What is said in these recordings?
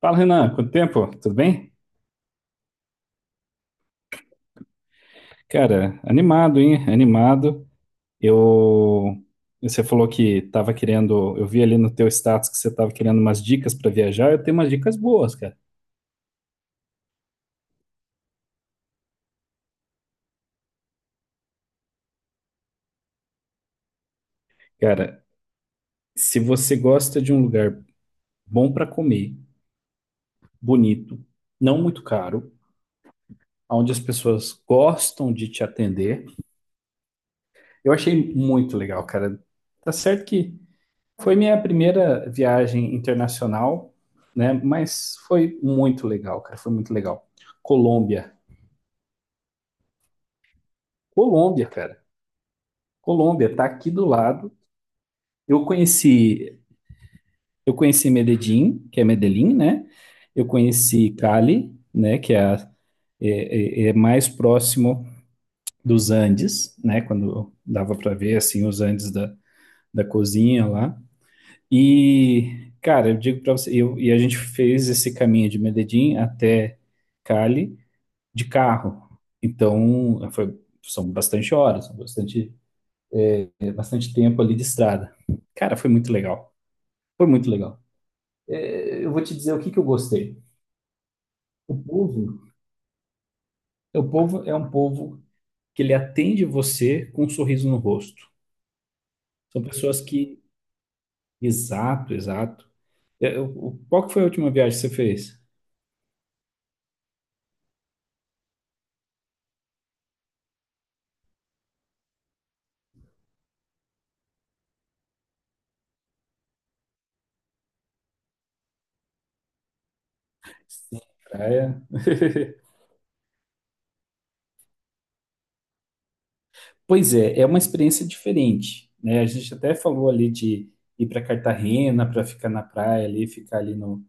Fala, Renan, quanto tempo? Tudo bem? Cara, animado, hein? Animado. Eu. Você falou que tava querendo. Eu vi ali no teu status que você tava querendo umas dicas para viajar. Eu tenho umas dicas boas, cara. Cara, se você gosta de um lugar bom para comer, bonito, não muito caro, onde as pessoas gostam de te atender, eu achei muito legal, cara. Tá certo que foi minha primeira viagem internacional, né? Mas foi muito legal, cara. Foi muito legal. Colômbia. Colômbia, cara. Colômbia tá aqui do lado. Eu conheci, eu conheci Medellín, que é Medellín, né? Eu conheci Cali, né? Que é, é mais próximo dos Andes, né? Quando dava para ver assim os Andes da cozinha lá. E, cara, eu digo pra você, e a gente fez esse caminho de Medellín até Cali de carro. Então, são bastante horas, são bastante, bastante tempo ali de estrada. Cara, foi muito legal. Foi muito legal. Eu vou te dizer o que que eu gostei. O povo, o povo é um povo que ele atende você com um sorriso no rosto. São pessoas que, exato, exato. Qual que foi a última viagem que você fez? Sim, praia. Pois é, é uma experiência diferente, né? A gente até falou ali de ir para Cartagena para ficar na praia ali, ficar ali no,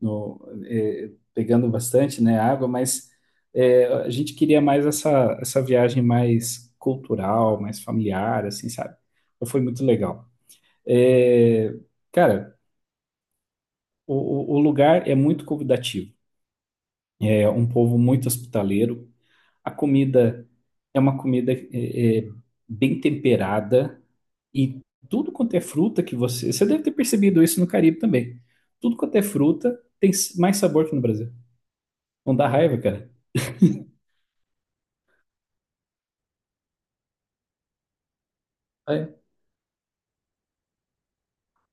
no eh, pegando bastante, né, água, mas a gente queria mais essa viagem mais cultural, mais familiar, assim, sabe? Então foi muito legal. Eh, Cara, o, o lugar é muito convidativo, é um povo muito hospitaleiro. A comida é uma comida, bem temperada e tudo quanto é fruta que você. Você deve ter percebido isso no Caribe também. Tudo quanto é fruta tem mais sabor que no Brasil. Não dá raiva, cara? Ah, é?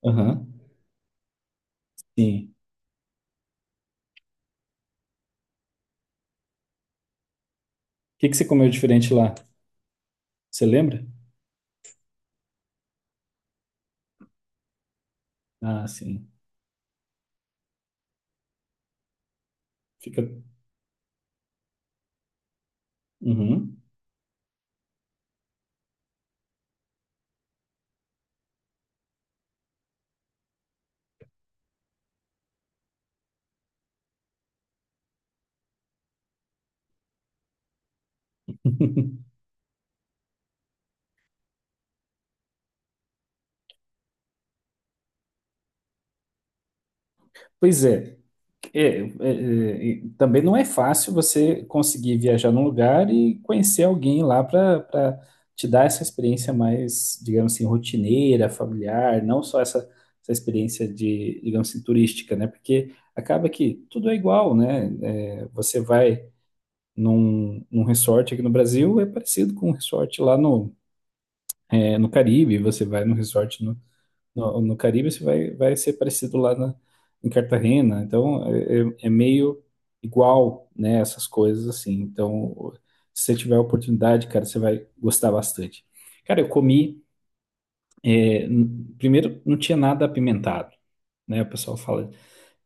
Aham, sim. O que que você comeu diferente lá? Você lembra? Ah, sim. Fica. Uhum. Pois é. É, é, é, Também não é fácil você conseguir viajar num lugar e conhecer alguém lá para te dar essa experiência mais, digamos assim, rotineira, familiar, não só essa experiência de, digamos assim, turística, né? Porque acaba que tudo é igual, né? Você vai num resort aqui no Brasil, é parecido com um resort lá no Caribe, você vai num resort no Caribe, isso vai ser parecido lá em Cartagena. Então, é meio igual, né, essas coisas assim. Então, se você tiver a oportunidade, cara, você vai gostar bastante. Cara, eu comi, primeiro, não tinha nada apimentado, né? O pessoal fala,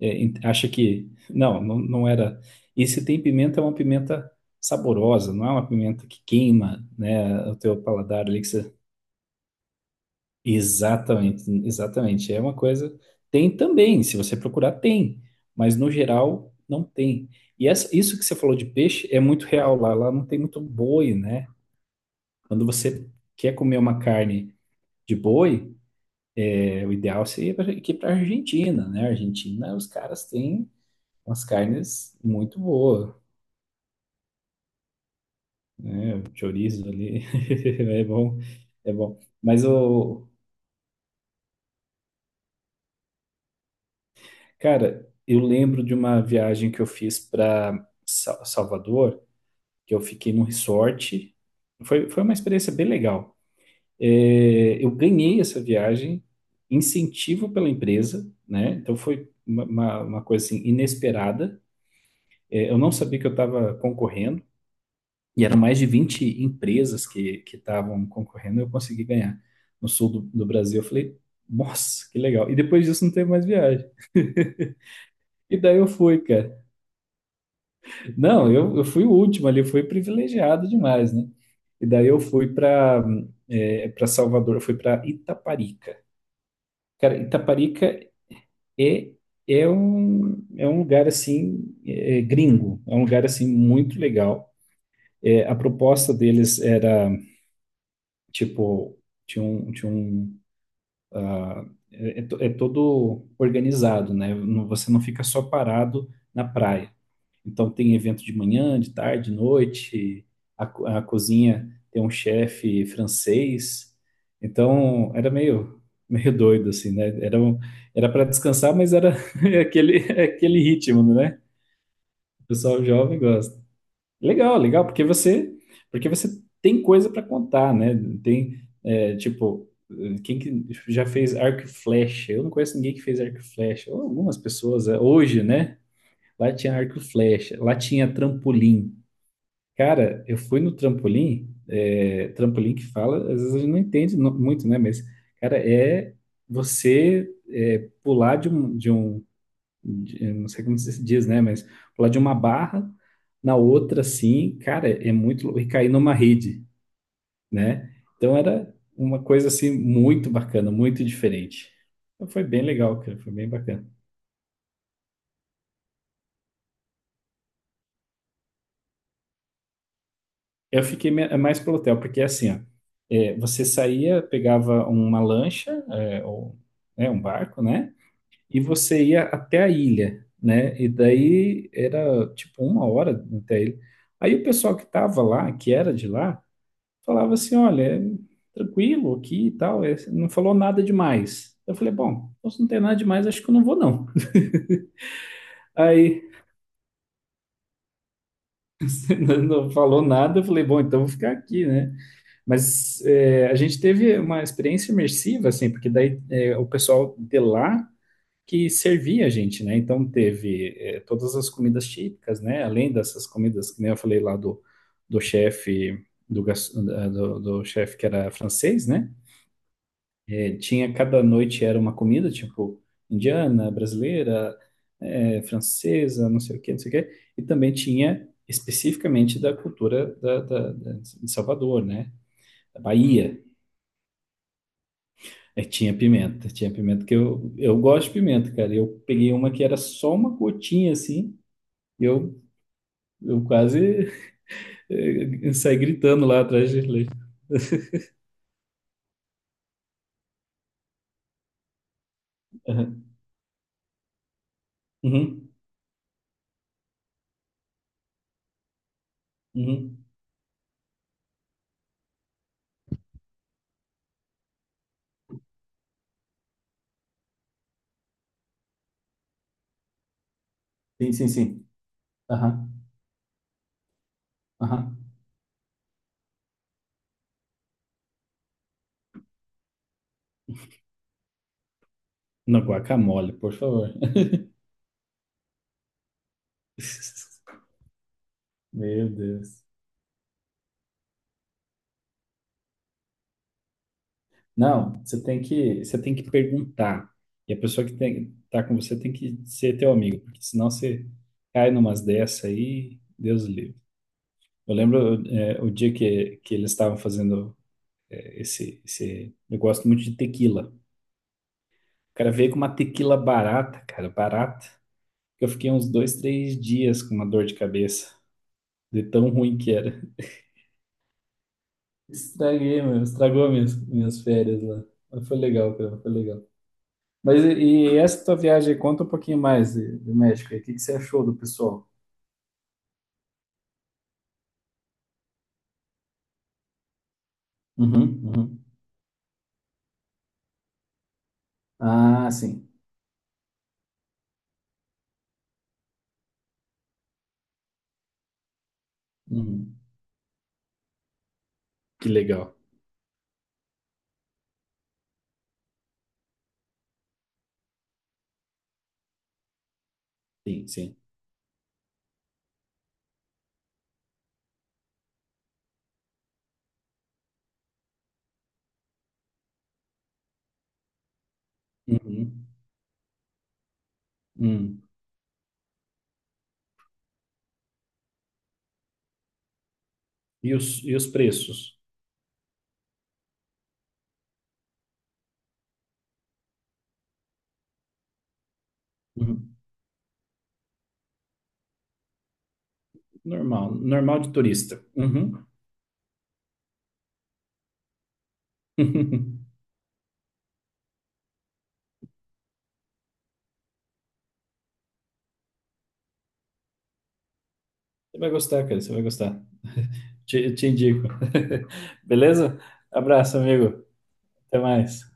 acha que, não, não, não era. E se tem pimenta, é uma pimenta saborosa, não é uma pimenta que queima, né, o teu paladar ali. Exatamente, exatamente. É uma coisa. Tem também, se você procurar, tem, mas no geral não tem. E isso que você falou de peixe é muito real lá. Lá não tem muito boi, né? Quando você quer comer uma carne de boi, o ideal seria ir para a Argentina, né? Argentina, os caras têm umas carnes muito boas. Chorizo ali, é bom, é bom. Mas, o cara, eu lembro de uma viagem que eu fiz para Salvador, que eu fiquei num resort. Foi uma experiência bem legal. Eu ganhei essa viagem, incentivo pela empresa, né? Então foi uma coisa assim, inesperada. Eu não sabia que eu estava concorrendo, e eram mais de 20 empresas que estavam concorrendo, e eu consegui ganhar no sul do Brasil. Eu falei, nossa, que legal. E depois disso não teve mais viagem. E daí eu fui, cara. Não, eu fui o último ali, eu fui privilegiado demais, né? E daí eu fui para Salvador, eu fui para Itaparica. Cara, Itaparica é, é um lugar assim, é gringo, é um lugar assim muito legal. A proposta deles era, tipo, tinha um, é, é to- é todo organizado, né? Você não fica só parado na praia. Então tem evento de manhã, de tarde, de noite. A cozinha tem um chefe francês. Então era meio doido assim, né? Era para descansar, mas era aquele ritmo, né? O pessoal jovem gosta. Legal, legal, porque você tem coisa para contar, né? Tem, tipo, quem que já fez arco e flecha? Eu não conheço ninguém que fez arco e flecha. Ou algumas pessoas, hoje, né? Lá tinha arco e flecha, lá tinha trampolim. Cara, eu fui no trampolim, trampolim que fala, às vezes a gente não entende muito, né? Mas, cara, você, pular de um, eu não sei como se diz, né? Mas pular de uma barra na outra, assim, cara, é muito louco. E cair numa rede, né? Então era uma coisa, assim, muito bacana, muito diferente. Então, foi bem legal, cara, foi bem bacana. Eu fiquei mais pelo hotel, porque assim, ó, você saía, pegava uma lancha, ou né, um barco, né? E você ia até a ilha, né? E daí era tipo 1 hora até a ilha. Aí o pessoal que tava lá, que era de lá, falava assim: olha, é tranquilo aqui e tal, não falou nada demais. Eu falei: bom, então se não tem nada demais, acho que eu não vou não. Aí não falou nada, eu falei: bom, então eu vou ficar aqui, né? Mas, a gente teve uma experiência imersiva, assim, porque daí, o pessoal de lá que servia a gente, né? Então teve, todas as comidas típicas, né? Além dessas comidas que nem eu falei lá do chefe do, gas- da- do, do chefe que era francês, né? Tinha cada noite era uma comida tipo indiana, brasileira, francesa, não sei o quê, não sei o quê. E também tinha especificamente da cultura da, da, de Salvador, né? Da Bahia. Tinha pimenta, que eu gosto de pimenta, cara. Eu peguei uma que era só uma gotinha assim, e eu quase saí gritando lá atrás de leite. Aham. Uhum. Uhum. Sim, sim, sim. Aham. Aham. Não, guacamole, por favor. Meu Deus. Não, você tem que perguntar. E a pessoa que tá com você tem que ser teu amigo, porque senão você cai numas dessa aí, Deus livre. Eu lembro, o dia que eles estavam fazendo esse, esse. Eu gosto muito de tequila. O cara veio com uma tequila barata, cara, barata. Eu fiquei uns 2, 3 dias com uma dor de cabeça, de tão ruim que era. Estraguei, meu, estragou minhas férias lá. Mas foi legal, cara, foi legal. Mas e essa tua viagem, conta um pouquinho mais do México aí. O que você achou do pessoal? Uhum, uhum. Ah, sim. Uhum. Que legal. Sim, sim. Uhum. Uhum. E os preços? Normal, normal de turista. Uhum. Você vai gostar, cara, você vai gostar. Te indico. Beleza? Abraço, amigo. Até mais.